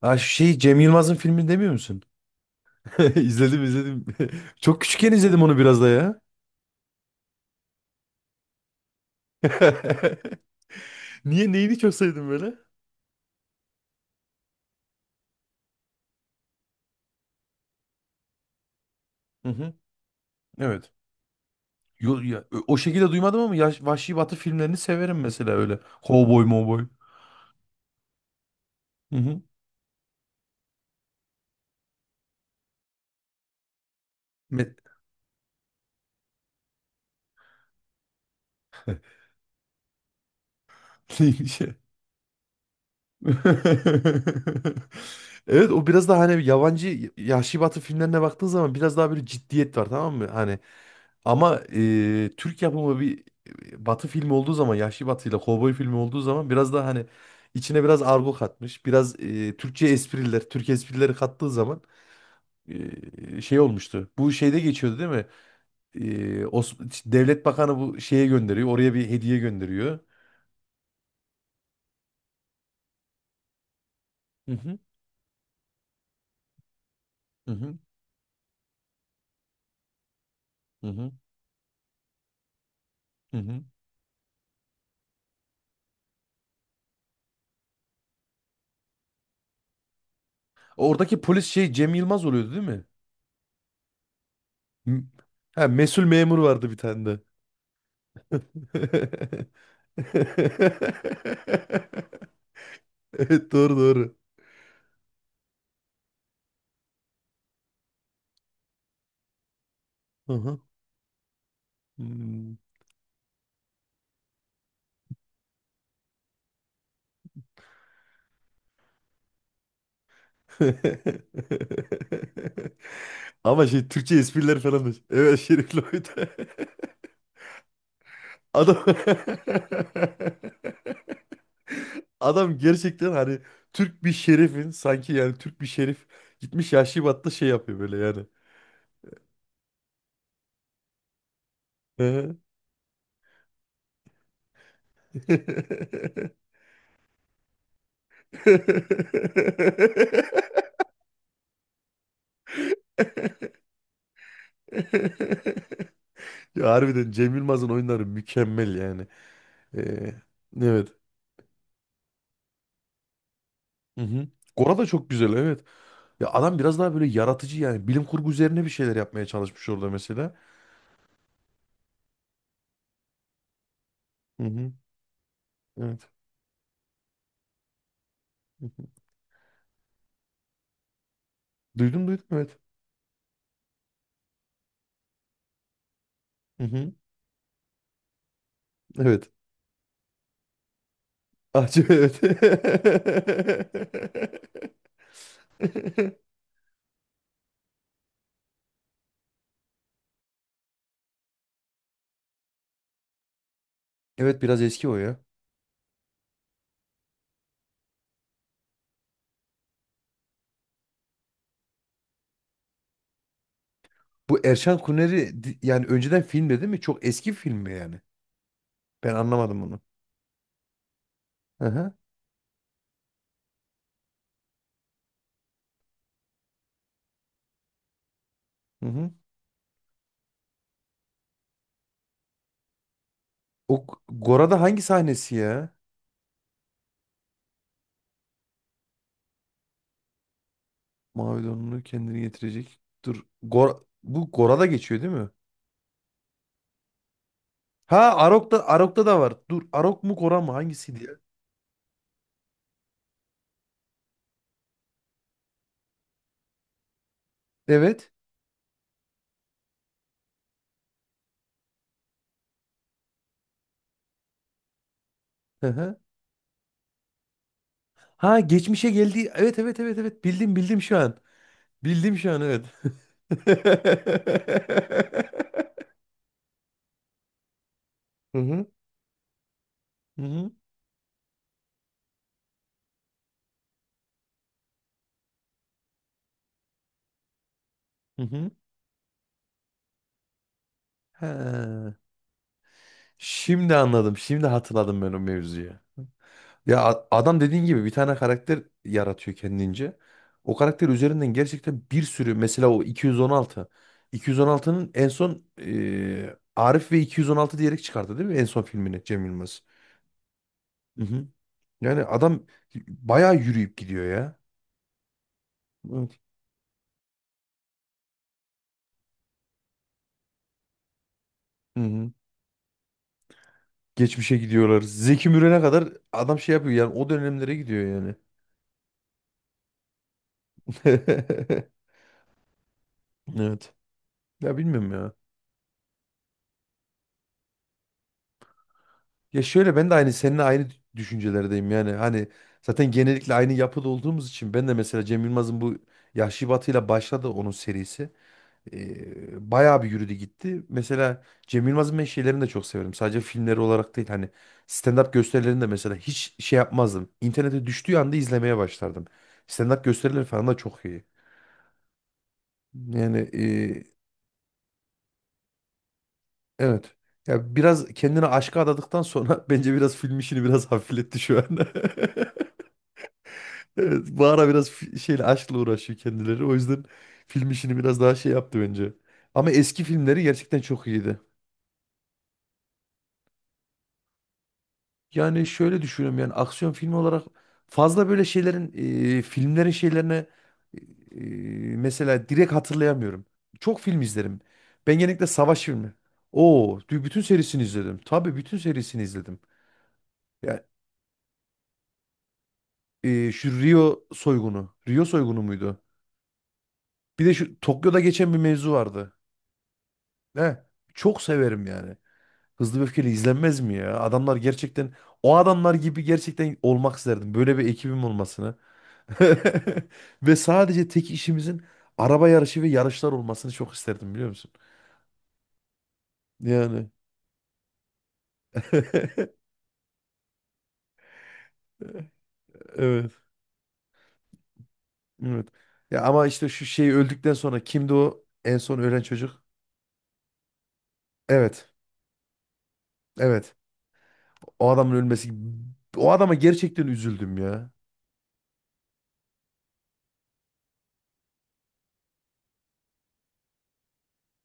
Ha şu şey Cem Yılmaz'ın filmini demiyor musun? İzledim izledim. Çok küçükken izledim onu biraz da ya. Niye neyini çok sevdin böyle? Hı hı. Evet. O şekilde duymadım ama Vahşi Batı filmlerini severim mesela öyle. Cowboy, mowboy. Hı hı. Me- Neymiş ya? Evet, o biraz daha hani yabancı Vahşi Batı filmlerine baktığın zaman biraz daha böyle ciddiyet var, tamam mı? Hani ama Türk yapımı bir Batı filmi olduğu zaman, Yahşi Batı ile Kovboy filmi olduğu zaman biraz daha hani içine biraz argo katmış, biraz Türkçe espriler, Türk esprileri kattığı zaman şey olmuştu. Bu şeyde geçiyordu değil mi? E, Os- işte Devlet Bakanı bu şeye gönderiyor, oraya bir hediye gönderiyor. Hı hı, hı hı, hı hı, hı hı. Oradaki polis şey Cem Yılmaz oluyordu değil mi? M- Ha, mesul memur vardı bir tane de. Evet, doğru doğru. Aha. Hmm. Ama şey Türkçe espriler falan da. Evet, Şerif Lloyd. Adam adam gerçekten hani Türk bir şerifin, sanki yani Türk bir şerif gitmiş Yahşi Bat'ta şey yapıyor böyle yani. Hı hı. Ya harbiden Cem Yılmaz'ın oyunları mükemmel yani. Ee, evet. Hı hı. Gora da çok güzel, evet. Ya adam biraz daha böyle yaratıcı yani. Bilim kurgu üzerine bir şeyler yapmaya çalışmış orada mesela. Hı hı. Evet. Hı hı. Duydum duydum, evet. Hı hı. Evet. Acı, evet. Evet, biraz eski o ya. Bu Erşan Kuneri yani önceden filmde değil mi? Çok eski film mi yani? Ben anlamadım onu. Hı hı. Hı hı. O Gora'da hangi sahnesi ya? Mavi donunu kendini getirecek. Dur. Bu Gora'da geçiyor değil mi? Ha, Arok'ta da var. Dur, Arok mu Gora mı hangisiydi ya? Evet. Hı hı. Ha, geçmişe geldi. Evet evet evet evet. Bildim bildim şu an. Bildim şu an, evet. Hı hı. Hı hı. Hı hı. Ha. Şimdi anladım. Şimdi hatırladım ben o mevzuyu. Ya adam dediğin gibi bir tane karakter yaratıyor kendince. O karakter üzerinden gerçekten bir sürü, mesela o 216. 216'nın en son Arif ve 216 diyerek çıkardı değil mi? En son filmini Cem Yılmaz. Yani adam bayağı yürüyüp gidiyor ya. Evet. Hı hı. Geçmişe gidiyorlar. Zeki Müren'e kadar adam şey yapıyor yani o dönemlere gidiyor yani. Evet. Ya bilmiyorum ya. Ya şöyle, ben de aynı seninle aynı düşüncelerdeyim yani. Hani zaten genellikle aynı yapıda olduğumuz için, ben de mesela Cem Yılmaz'ın bu Yahşi Batı'yla başladı onun serisi. Bayağı bir yürüdü gitti. Mesela Cem Yılmaz'ın ben şeylerini de çok severim. Sadece filmleri olarak değil hani stand-up gösterilerini de mesela hiç şey yapmazdım. İnternete düştüğü anda izlemeye başlardım. Stand-up gösterileri falan da çok iyi. Yani evet. Ya biraz kendini aşka adadıktan sonra bence biraz film işini biraz hafifletti şu an. Evet, bu ara biraz şeyle aşkla uğraşıyor kendileri. O yüzden film işini biraz daha şey yaptı bence. Ama eski filmleri gerçekten çok iyiydi. Yani şöyle düşünüyorum yani aksiyon filmi olarak fazla böyle şeylerin filmlerin şeylerine e, mesela direkt hatırlayamıyorum. Çok film izlerim. Ben genellikle savaş filmi. Oo, bütün serisini izledim. Tabii bütün serisini izledim. Ya şu Rio soygunu. Rio soygunu muydu? Bir de şu Tokyo'da geçen bir mevzu vardı. Ne? Çok severim yani. Hızlı ve Öfkeli izlenmez mi ya? Adamlar gerçekten, o adamlar gibi gerçekten olmak isterdim. Böyle bir ekibim olmasını. Ve sadece tek işimizin araba yarışı ve yarışlar olmasını çok isterdim, biliyor musun? Yani evet. Evet. Ya ama işte şu şey öldükten sonra kimdi o en son ölen çocuk? Evet. Evet. O adamın ölmesi. O adama gerçekten üzüldüm ya.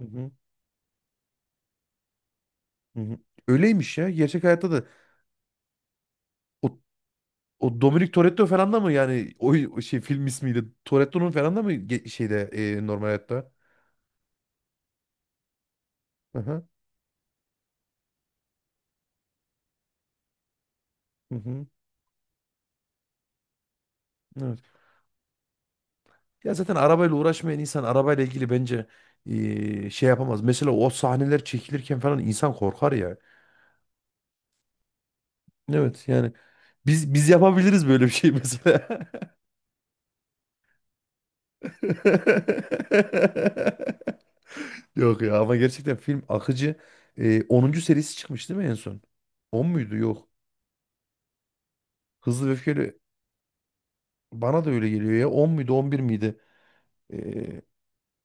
Hı hı, hı hı. Öyleymiş ya. Gerçek hayatta da o, o Dominic Toretto falan da mı yani o şey film ismiydi. Toretto'nun falan da mı şeyde normal hayatta? Hı hı. Hı hı. Evet. Ya zaten arabayla uğraşmayan insan arabayla ilgili bence şey yapamaz. Mesela o sahneler çekilirken falan insan korkar ya. Evet yani biz yapabiliriz böyle bir şey mesela. Yok ya ama gerçekten film akıcı. 10. serisi çıkmış değil mi en son? 10 muydu? Yok. Hızlı ve Öfkeli bana da öyle geliyor ya. 10 muydu, 11 miydi?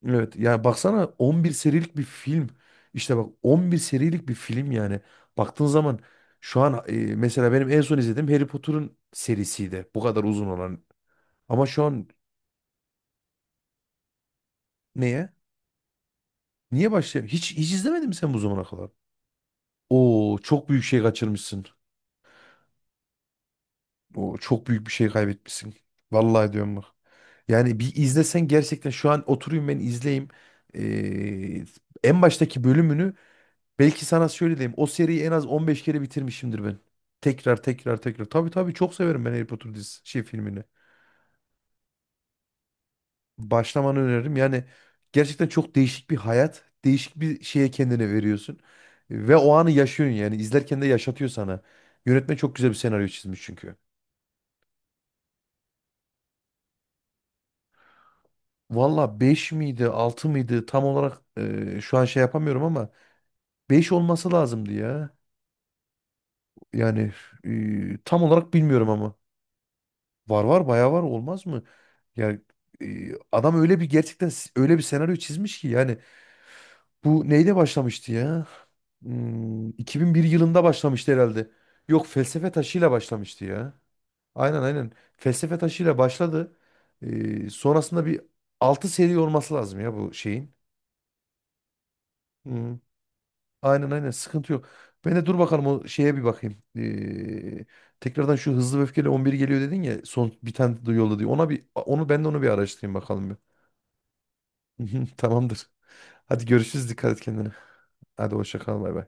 Evet yani baksana 11 serilik bir film. İşte bak 11 serilik bir film yani. Baktığın zaman şu an, mesela benim en son izlediğim Harry Potter'ın serisiydi. Bu kadar uzun olan. Ama şu an neye? Niye başlayayım? Hiç, hiç izlemedin mi sen bu zamana kadar? Oo, çok büyük şey kaçırmışsın. Oo, çok büyük bir şey kaybetmişsin. Vallahi diyorum bak. Yani bir izlesen gerçekten, şu an oturayım ben izleyeyim. Ee, en baştaki bölümünü belki sana şöyle diyeyim. O seriyi en az 15 kere bitirmişimdir ben. Tekrar tekrar tekrar. Tabii tabii çok severim ben Harry Potter dizisi şey filmini. Başlamanı öneririm. Yani gerçekten çok değişik bir hayat. Değişik bir şeye kendine veriyorsun. Ve o anı yaşıyorsun yani. İzlerken de yaşatıyor sana. Yönetmen çok güzel bir senaryo çizmiş çünkü. Valla 5 miydi 6 mıydı tam olarak, şu an şey yapamıyorum ama 5 olması lazımdı ya. Yani tam olarak bilmiyorum ama. Var var bayağı var, olmaz mı? Ya adam öyle bir gerçekten öyle bir senaryo çizmiş ki yani bu neyle başlamıştı ya? 2001 yılında başlamıştı herhalde. Yok, felsefe taşıyla başlamıştı ya. Aynen aynen. Felsefe taşıyla başladı. Sonrasında bir 6 seri olması lazım ya bu şeyin. Hmm, aynen aynen, sıkıntı yok. Ben de dur bakalım o şeye bir bakayım. Tekrardan şu hızlı ve öfkeli 11 geliyor dedin ya son bir tane de yolladı diyor. Ona bir onu ben de onu bir araştırayım bakalım. Bir. Tamamdır. Hadi görüşürüz. Dikkat et kendine. Hadi hoşça kal. Bay bay.